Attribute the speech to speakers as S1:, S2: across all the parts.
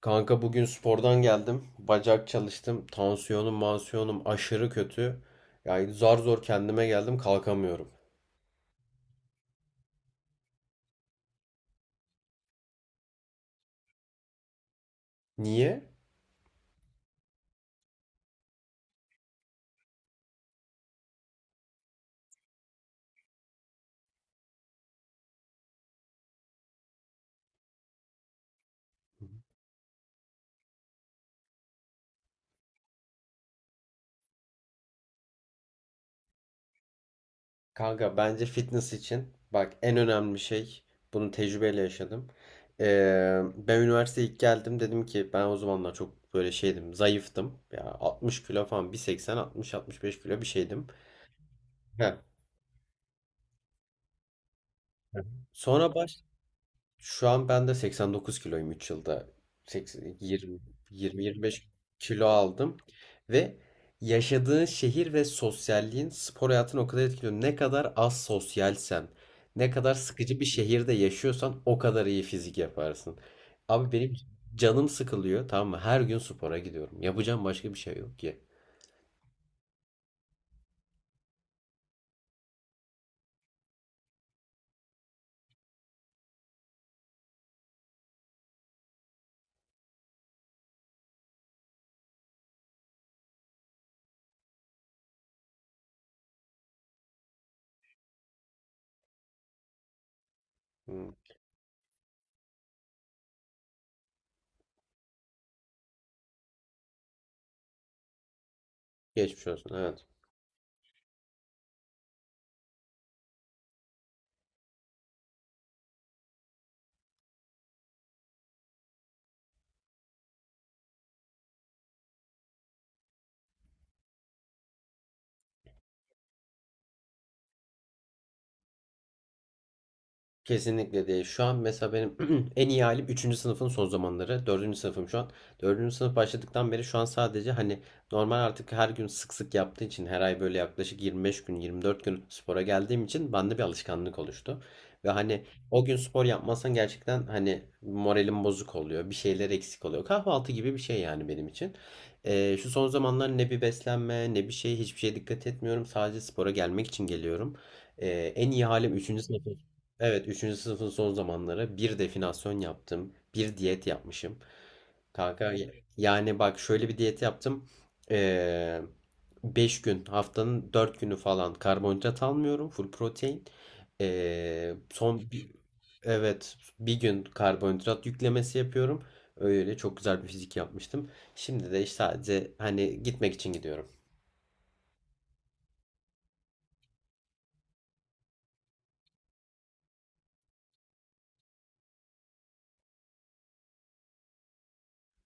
S1: Kanka bugün spordan geldim. Bacak çalıştım. Tansiyonum, mansiyonum aşırı kötü. Yani zar zor kendime geldim, kalkamıyorum. Niye? Kanka bence fitness için bak en önemli şey bunu tecrübeyle yaşadım. Ben üniversiteye ilk geldim dedim ki ben o zamanlar çok böyle şeydim, zayıftım. Ya 60 kilo falan, 1.80, 60-65 kilo bir şeydim. Heh. Sonra baş Şu an ben de 89 kiloyum, 3 yılda. 80, 20, 20-25 kilo aldım. Ve yaşadığın şehir ve sosyalliğin spor hayatını o kadar etkiliyor. Ne kadar az sosyalsen, ne kadar sıkıcı bir şehirde yaşıyorsan o kadar iyi fizik yaparsın. Abi benim canım sıkılıyor, tamam mı? Her gün spora gidiyorum. Yapacağım başka bir şey yok ki. Hmm. Geçmiş olsun. Evet. Kesinlikle değil. Şu an mesela benim en iyi halim üçüncü sınıfın son zamanları. Dördüncü sınıfım şu an. Dördüncü sınıf başladıktan beri şu an sadece hani normal artık her gün sık sık yaptığı için, her ay böyle yaklaşık 25 gün, 24 gün spora geldiğim için bende bir alışkanlık oluştu. Ve hani o gün spor yapmazsan gerçekten hani moralim bozuk oluyor. Bir şeyler eksik oluyor. Kahvaltı gibi bir şey yani benim için. Şu son zamanlar ne bir beslenme ne bir şey, hiçbir şeye dikkat etmiyorum. Sadece spora gelmek için geliyorum. Ee, En iyi halim 3. Evet, üçüncü sınıfın son zamanları bir definasyon yaptım. Bir diyet yapmışım. Kanka yani bak şöyle bir diyet yaptım. Ee, 5 gün, haftanın 4 günü falan karbonhidrat almıyorum. Full protein. Ee, son bir, evet bir gün karbonhidrat yüklemesi yapıyorum. Öyle çok güzel bir fizik yapmıştım. Şimdi de işte sadece hani gitmek için gidiyorum.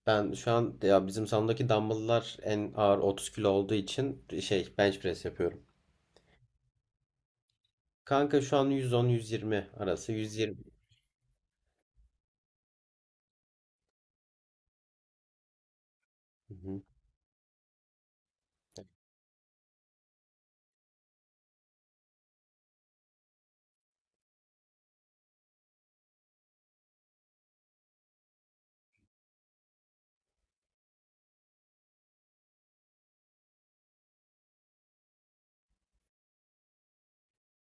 S1: Ben şu an ya, bizim salondaki dumbbell'lar en ağır 30 kilo olduğu için şey, bench press yapıyorum. Kanka şu an 110-120 arası. 120. Hı hı,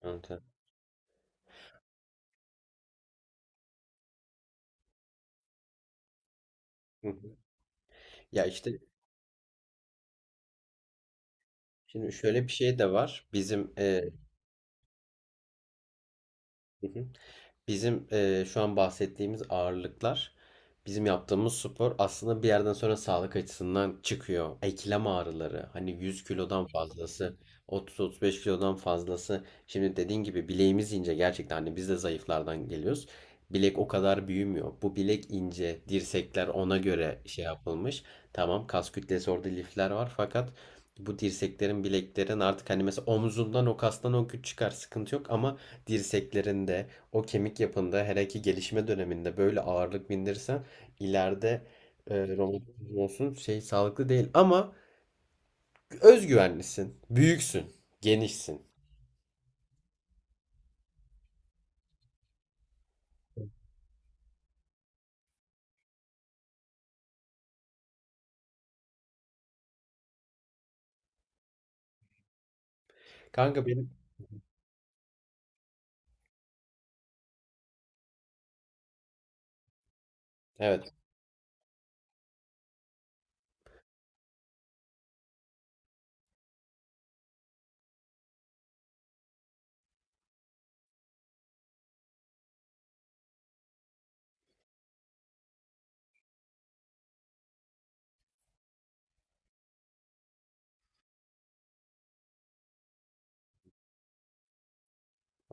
S1: anladım. Hı hı. Ya işte şimdi şöyle bir şey de var. Hı hı. Bizim şu an bahsettiğimiz ağırlıklar, bizim yaptığımız spor aslında bir yerden sonra sağlık açısından çıkıyor. Eklem ağrıları, hani 100 kilodan fazlası, 30-35 kilodan fazlası. Şimdi dediğin gibi bileğimiz ince gerçekten, hani biz de zayıflardan geliyoruz. Bilek o kadar büyümüyor. Bu bilek ince, dirsekler ona göre şey yapılmış. Tamam, kas kütlesi orada, lifler var fakat bu dirseklerin, bileklerin artık hani, mesela omzundan, o kastan o güç çıkar sıkıntı yok ama dirseklerinde, o kemik yapında hele ki gelişme döneminde böyle ağırlık bindirirsen ileride romatizma olsun, şey sağlıklı değil ama özgüvenlisin, büyüksün, genişsin. Kanka benim evet.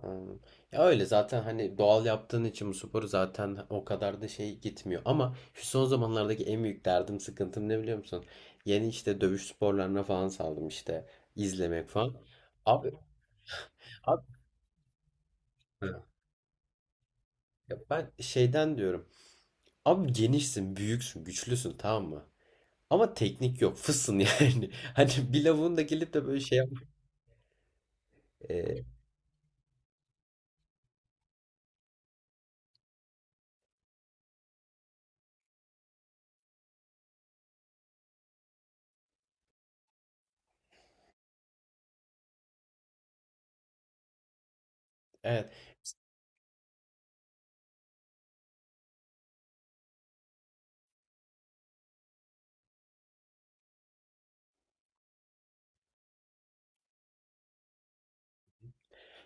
S1: Anladım. Ya öyle zaten, hani doğal yaptığın için bu sporu zaten o kadar da şey gitmiyor. Ama şu son zamanlardaki en büyük derdim, sıkıntım ne biliyor musun? Yeni işte dövüş sporlarına falan saldım işte, izlemek falan. Abi, abi Hı. Ya ben şeyden diyorum. Abi genişsin, büyüksün, güçlüsün, tamam mı? Ama teknik yok. Fısın yani. Hani bir lavuğun da gelip de böyle şey yapmak. Ee, evet.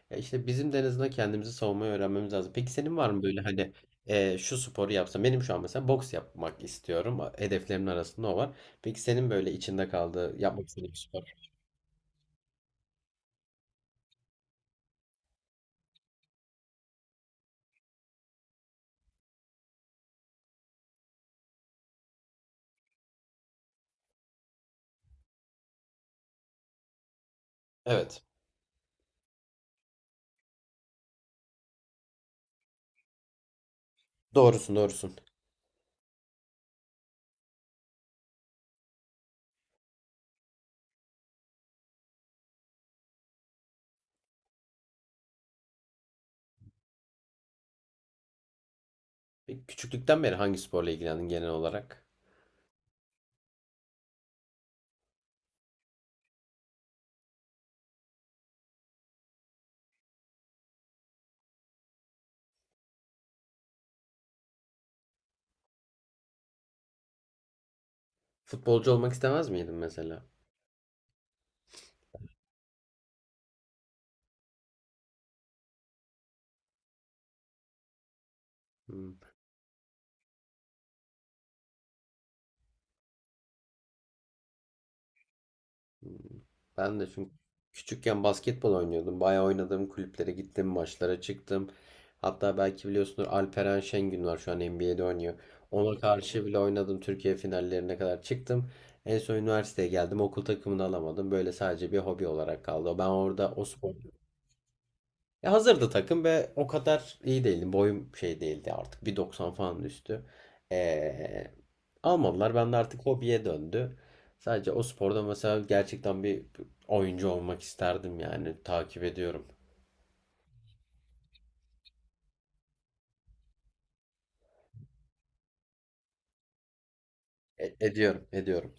S1: Ya işte bizim de en azından kendimizi savunmayı öğrenmemiz lazım. Peki senin var mı böyle hani şu sporu yapsam? Benim şu an mesela boks yapmak istiyorum. Hedeflerimin arasında o var. Peki senin böyle içinde kaldığı, yapmak istediğin bir spor? Evet. Doğrusun, doğrusun. Peki küçüklükten beri hangi sporla ilgilendin genel olarak? Futbolcu olmak istemez miydin mesela? Hmm. Ben de çünkü küçükken basketbol oynuyordum. Bayağı oynadım, kulüplere gittim, maçlara çıktım. Hatta belki biliyorsunuz, Alperen Şengün var, şu an NBA'de oynuyor. Ona karşı bile oynadım. Türkiye finallerine kadar çıktım. En son üniversiteye geldim. Okul takımını alamadım. Böyle sadece bir hobi olarak kaldı. Ben orada o spor, ya hazırdı takım ve o kadar iyi değildi. Boyum şey değildi artık. 1.90 falan üstü. Ee, almadılar. Ben de artık hobiye döndü. Sadece o sporda mesela gerçekten bir oyuncu olmak isterdim yani. Takip ediyorum. Ediyorum, ediyorum.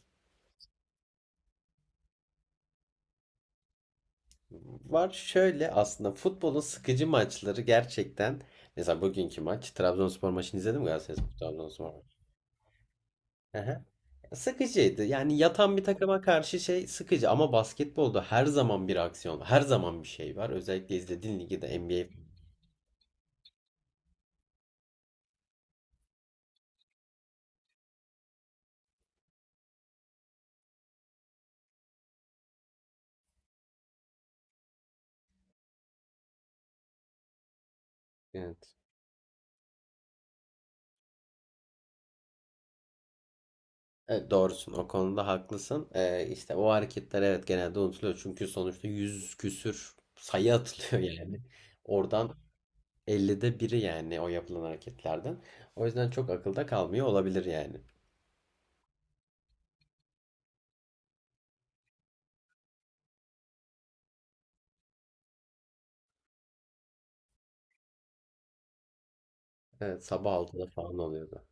S1: Var şöyle, aslında futbolun sıkıcı maçları gerçekten. Mesela bugünkü maç. Trabzonspor maçını izledim mi? Galatasaray Trabzonspor. Aha. Sıkıcıydı. Yani yatan bir takıma karşı şey sıkıcı ama basketbolda her zaman bir aksiyon, her zaman bir şey var. Özellikle izlediğin ligi de NBA. Evet. Evet, doğrusun, o konuda haklısın. İşte o hareketler evet genelde unutuluyor. Çünkü sonuçta yüz küsür sayı atılıyor yani. Oradan 50'de biri yani o yapılan hareketlerden. O yüzden çok akılda kalmıyor olabilir yani. Evet, sabah altıda falan oluyordu.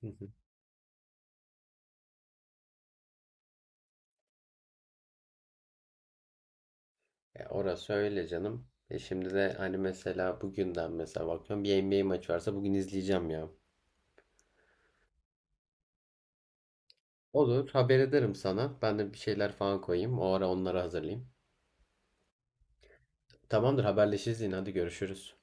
S1: Hı hı. E, orası öyle canım. E şimdi de hani mesela bugünden, mesela bakıyorum bir NBA maçı varsa bugün izleyeceğim ya. Olur, haber ederim sana. Ben de bir şeyler falan koyayım. O ara onları hazırlayayım. Tamamdır, haberleşiriz yine, hadi görüşürüz.